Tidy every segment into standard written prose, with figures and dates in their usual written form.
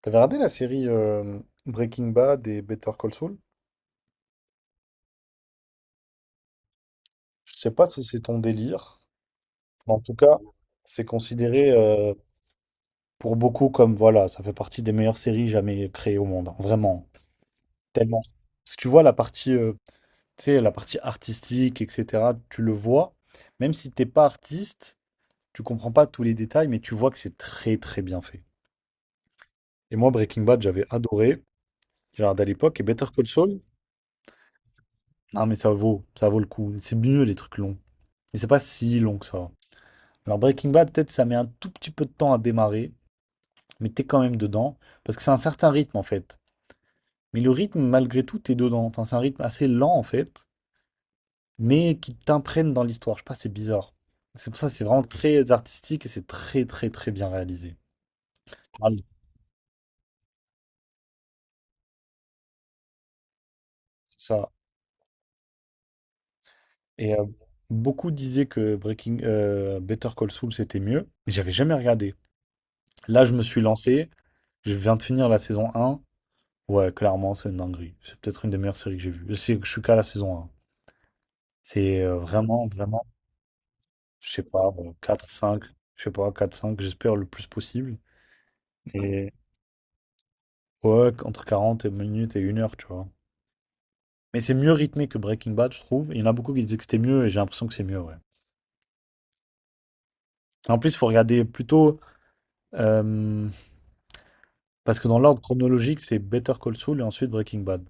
T'avais regardé la série Breaking Bad et Better Call Saul? Je sais pas si c'est ton délire. En tout cas, c'est considéré pour beaucoup comme voilà, ça fait partie des meilleures séries jamais créées au monde, hein. Vraiment, tellement. Parce que tu vois la partie, tu sais, la partie artistique, etc. Tu le vois, même si t'es pas artiste, tu comprends pas tous les détails, mais tu vois que c'est très très bien fait. Et moi, Breaking Bad, j'avais adoré. J'ai regardé à l'époque et Better Call Saul. Non, mais ça vaut le coup. C'est mieux les trucs longs. Et c'est pas si long que ça. Alors Breaking Bad, peut-être ça met un tout petit peu de temps à démarrer, mais t'es quand même dedans, parce que c'est un certain rythme en fait. Mais le rythme, malgré tout, t'es dedans. Enfin, c'est un rythme assez lent en fait, mais qui t'imprègne dans l'histoire. Je sais pas, c'est bizarre. C'est pour ça, c'est vraiment très artistique et c'est très très très bien réalisé. Allez, c'est ça. Et beaucoup disaient que Breaking Better Call Saul c'était mieux, mais j'avais jamais regardé. Là, je me suis lancé. Je viens de finir la saison un. Ouais, clairement, c'est une dinguerie. C'est peut-être une des meilleures séries que j'ai vues. Je sais que je suis qu'à la saison un. C'est vraiment, vraiment, je sais pas, bon, 4 5 je sais pas, 4 5 j'espère le plus possible. Et ouais, entre 40 et minutes et une heure, tu vois. Mais c'est mieux rythmé que Breaking Bad, je trouve. Il y en a beaucoup qui disaient que c'était mieux et j'ai l'impression que c'est mieux, ouais. En plus, il faut regarder plutôt, euh, parce que dans l'ordre chronologique, c'est Better Call Saul et ensuite Breaking Bad.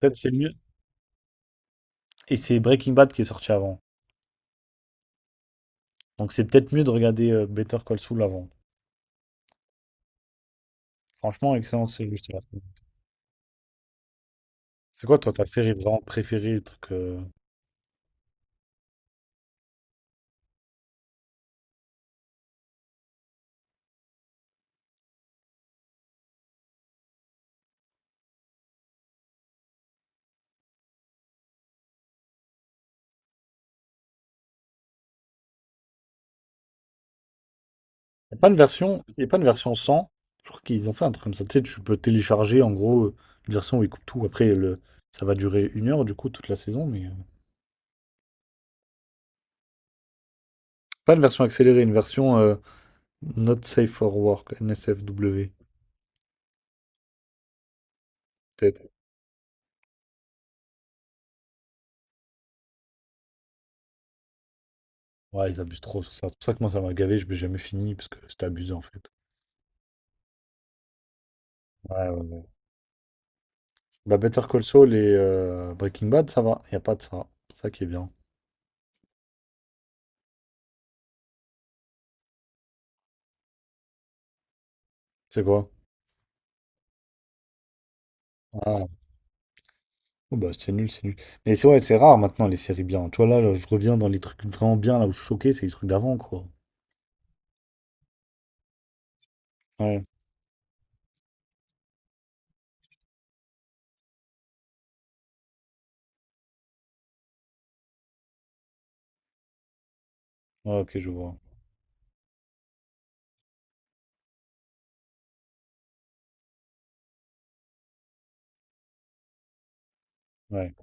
Peut-être c'est mieux. Et c'est Breaking Bad qui est sorti avant. Donc c'est peut-être mieux de regarder Better Call Saul avant. Franchement, excellent série, je te la recommande. C'est quoi, toi, ta série vraiment préférée, le truc? Il n'y a pas une version, y a pas une version sans. Je crois qu'ils ont fait un truc comme ça. Tu sais, tu peux télécharger en gros une version où ils coupent tout. Après, le, ça va durer une heure du coup toute la saison, mais pas une version accélérée, une version Not Safe for Work, NSFW, peut-être. Ouais, ils abusent trop sur ça. C'est pour ça que moi ça m'a gavé, je n'ai jamais fini parce que c'était abusé en fait. Ouais, ouais, ouais. Bah Better Call Saul et Breaking Bad, ça va, il n'y a pas de ça. C'est ça qui est bien. C'est quoi? Ah, oh bah, c'est nul, c'est nul. Mais c'est ouais, c'est rare maintenant les séries bien. Tu vois, là, je reviens dans les trucs vraiment bien, là où je suis choqué, c'est les trucs d'avant, quoi. Ouais, ouais, ok, je vois. Ouais.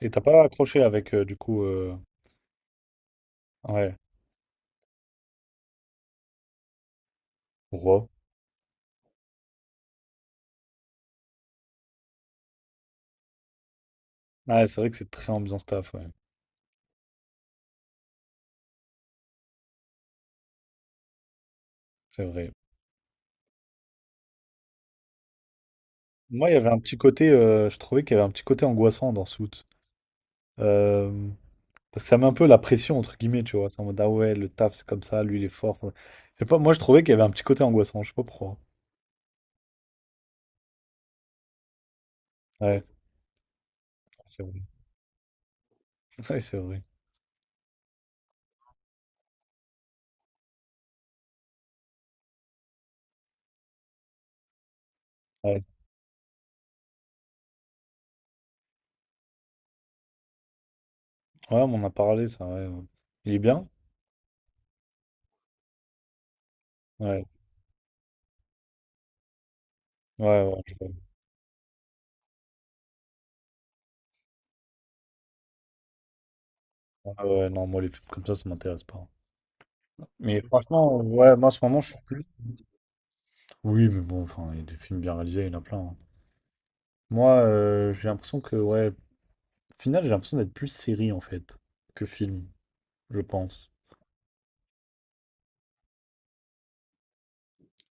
Et t'as pas accroché avec, du coup, ouais. Pourquoi? Ouais, c'est vrai que c'est très ambiance taf, ouais. C'est vrai. Moi, il y avait un petit côté, je trouvais qu'il y avait un petit côté angoissant dans Suits. Euh, parce que ça met un peu la pression, entre guillemets, tu vois. C'est en mode, ah ouais, le taf, c'est comme ça, lui, il est fort. Enfin, je sais pas, moi, je trouvais qu'il y avait un petit côté angoissant, je sais pas pourquoi. Ouais, c'est vrai. Ouais, c'est vrai. Ouais, on en a parlé, ça, ouais, ouais. Il est bien? Ouais. Ouais, ouais, je ouais, ouais, non, moi, les films comme ça m'intéresse pas. Mais franchement, ouais, moi, en ce moment, je suis plus. Oui, mais bon, enfin, il y a des films bien réalisés, il y en a plein, hein. Moi, j'ai l'impression que, ouais, au final, j'ai l'impression d'être plus série, en fait, que film, je pense.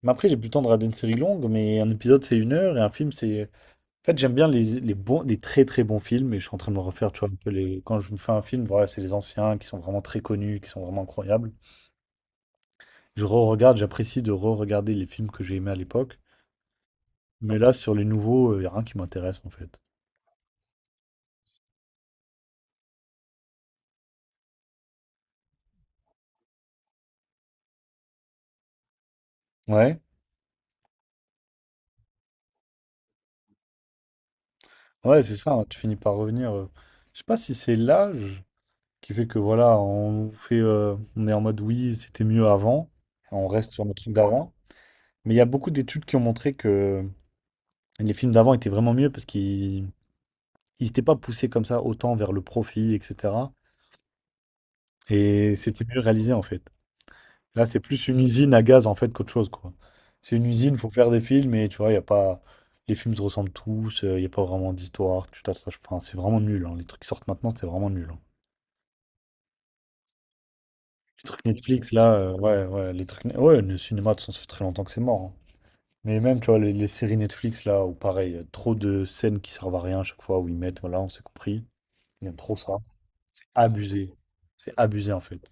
Mais après, j'ai plus le temps de regarder une série longue, mais un épisode, c'est une heure, et un film, c'est. En fait, j'aime bien les bons, les très très bons films, et je suis en train de me refaire, tu vois, un peu les. Quand je me fais un film, voilà, c'est les anciens qui sont vraiment très connus, qui sont vraiment incroyables. Je re-regarde, j'apprécie de re-regarder les films que j'ai aimés à l'époque. Mais là, sur les nouveaux, il n'y a rien qui m'intéresse en fait. Ouais, ouais, c'est ça, hein, tu finis par revenir. Je sais pas si c'est l'âge qui fait que voilà, on fait, on est en mode oui, c'était mieux avant, on reste sur notre truc d'avant. Mais il y a beaucoup d'études qui ont montré que les films d'avant étaient vraiment mieux parce qu'ils ils s'étaient pas poussés comme ça autant vers le profit, etc. Et c'était mieux réalisé en fait. Là, c'est plus une usine à gaz en fait qu'autre chose, quoi. C'est une usine, faut faire des films et tu vois, il y a pas. Les films se ressemblent tous, il n'y a pas vraiment d'histoire, tu t'attaches. Enfin, c'est vraiment nul, hein. Les trucs qui sortent maintenant, c'est vraiment nul, hein. Les trucs Netflix, là, ouais, ouais, les trucs. Ouais, le cinéma, de toute façon, ça fait très longtemps que c'est mort, hein. Mais même, tu vois, les séries Netflix, là, où pareil, trop de scènes qui servent à rien à chaque fois où ils mettent, voilà, on s'est compris. Ils aiment trop ça. Abusé. C'est abusé, en fait.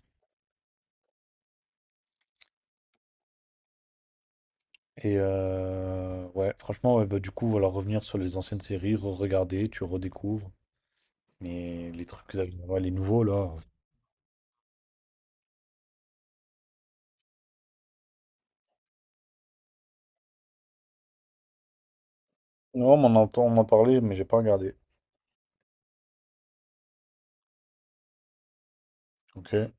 Et ouais, franchement, ouais, bah, du coup, voilà, revenir sur les anciennes séries, re-regarder, tu redécouvres. Mais les trucs, que vous t'avais- ouais, les nouveaux là. Non, mais on entend, on en parlait, mais j'ai pas regardé. Ok. Ouais,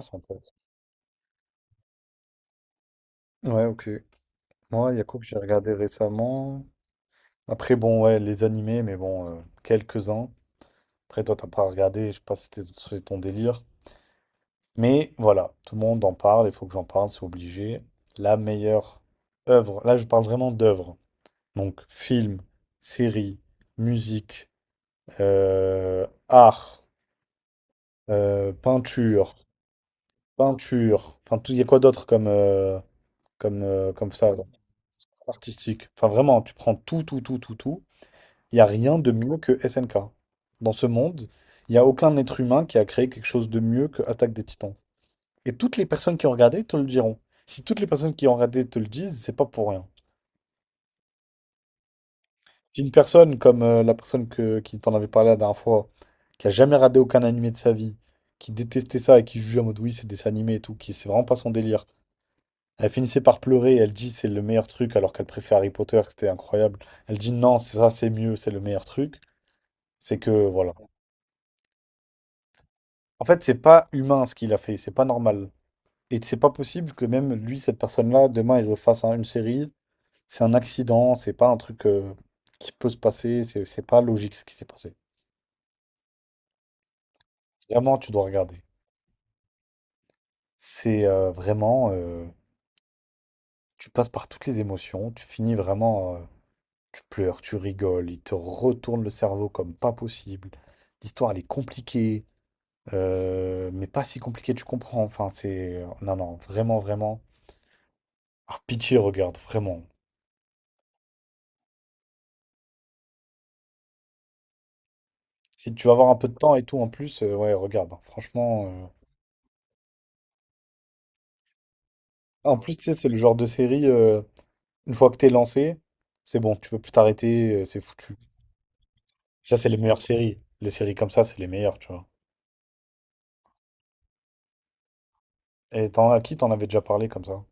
c'est intéressant. Ouais, ok. Moi, Yacoub, j'ai regardé récemment. Après, bon, ouais, les animés, mais bon, quelques-uns. Après, toi, t'as pas regardé, je sais pas si c'était c'est ton délire. Mais voilà, tout le monde en parle, il faut que j'en parle, c'est obligé. La meilleure œuvre, là, je parle vraiment d'œuvre. Donc, film, série, musique, art, peinture. Peinture. Enfin, tout- il y a quoi d'autre comme, comme, comme ça, là, artistique? Enfin, vraiment, tu prends tout, tout, tout, tout, tout. Il n'y a rien de mieux que SNK. Dans ce monde, il n'y a aucun être humain qui a créé quelque chose de mieux que Attaque des Titans. Et toutes les personnes qui ont regardé te le diront. Si toutes les personnes qui ont regardé te le disent, c'est pas pour rien. Si une personne comme la personne que, qui t'en avait parlé la dernière fois, qui a jamais regardé aucun animé de sa vie, qui détestait ça et qui jugeait en mode oui, c'est des animés et tout, qui c'est vraiment pas son délire, elle finissait par pleurer, elle dit c'est le meilleur truc alors qu'elle préfère Harry Potter, que c'était incroyable. Elle dit non, c'est ça, c'est mieux, c'est le meilleur truc. C'est que voilà. En fait, c'est pas humain ce qu'il a fait, c'est pas normal. Et c'est pas possible que même lui, cette personne-là, demain, il refasse un- une série. C'est un accident, c'est pas un truc qui peut se passer, c'est pas logique ce qui s'est passé. Vraiment, tu dois regarder. C'est vraiment, tu passes par toutes les émotions, tu finis vraiment. Tu pleures, tu rigoles, il te retourne le cerveau comme pas possible. L'histoire, elle est compliquée, mais pas si compliquée, tu comprends. Enfin, c'est... Non, non, vraiment, vraiment. Ah, pitié, regarde, vraiment. Si tu vas avoir un peu de temps et tout, en plus, ouais, regarde, hein, franchement... En plus, tu sais, c'est le genre de série, une fois que t'es lancé, c'est bon, tu peux plus t'arrêter, c'est foutu. Ça, c'est les meilleures séries. Les séries comme ça, c'est les meilleures, tu vois. Et t'en, à qui t'en avais déjà parlé comme ça?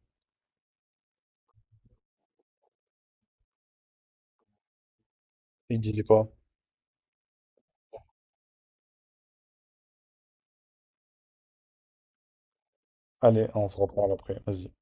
Il disait quoi? Allez, on se reparle après, vas-y.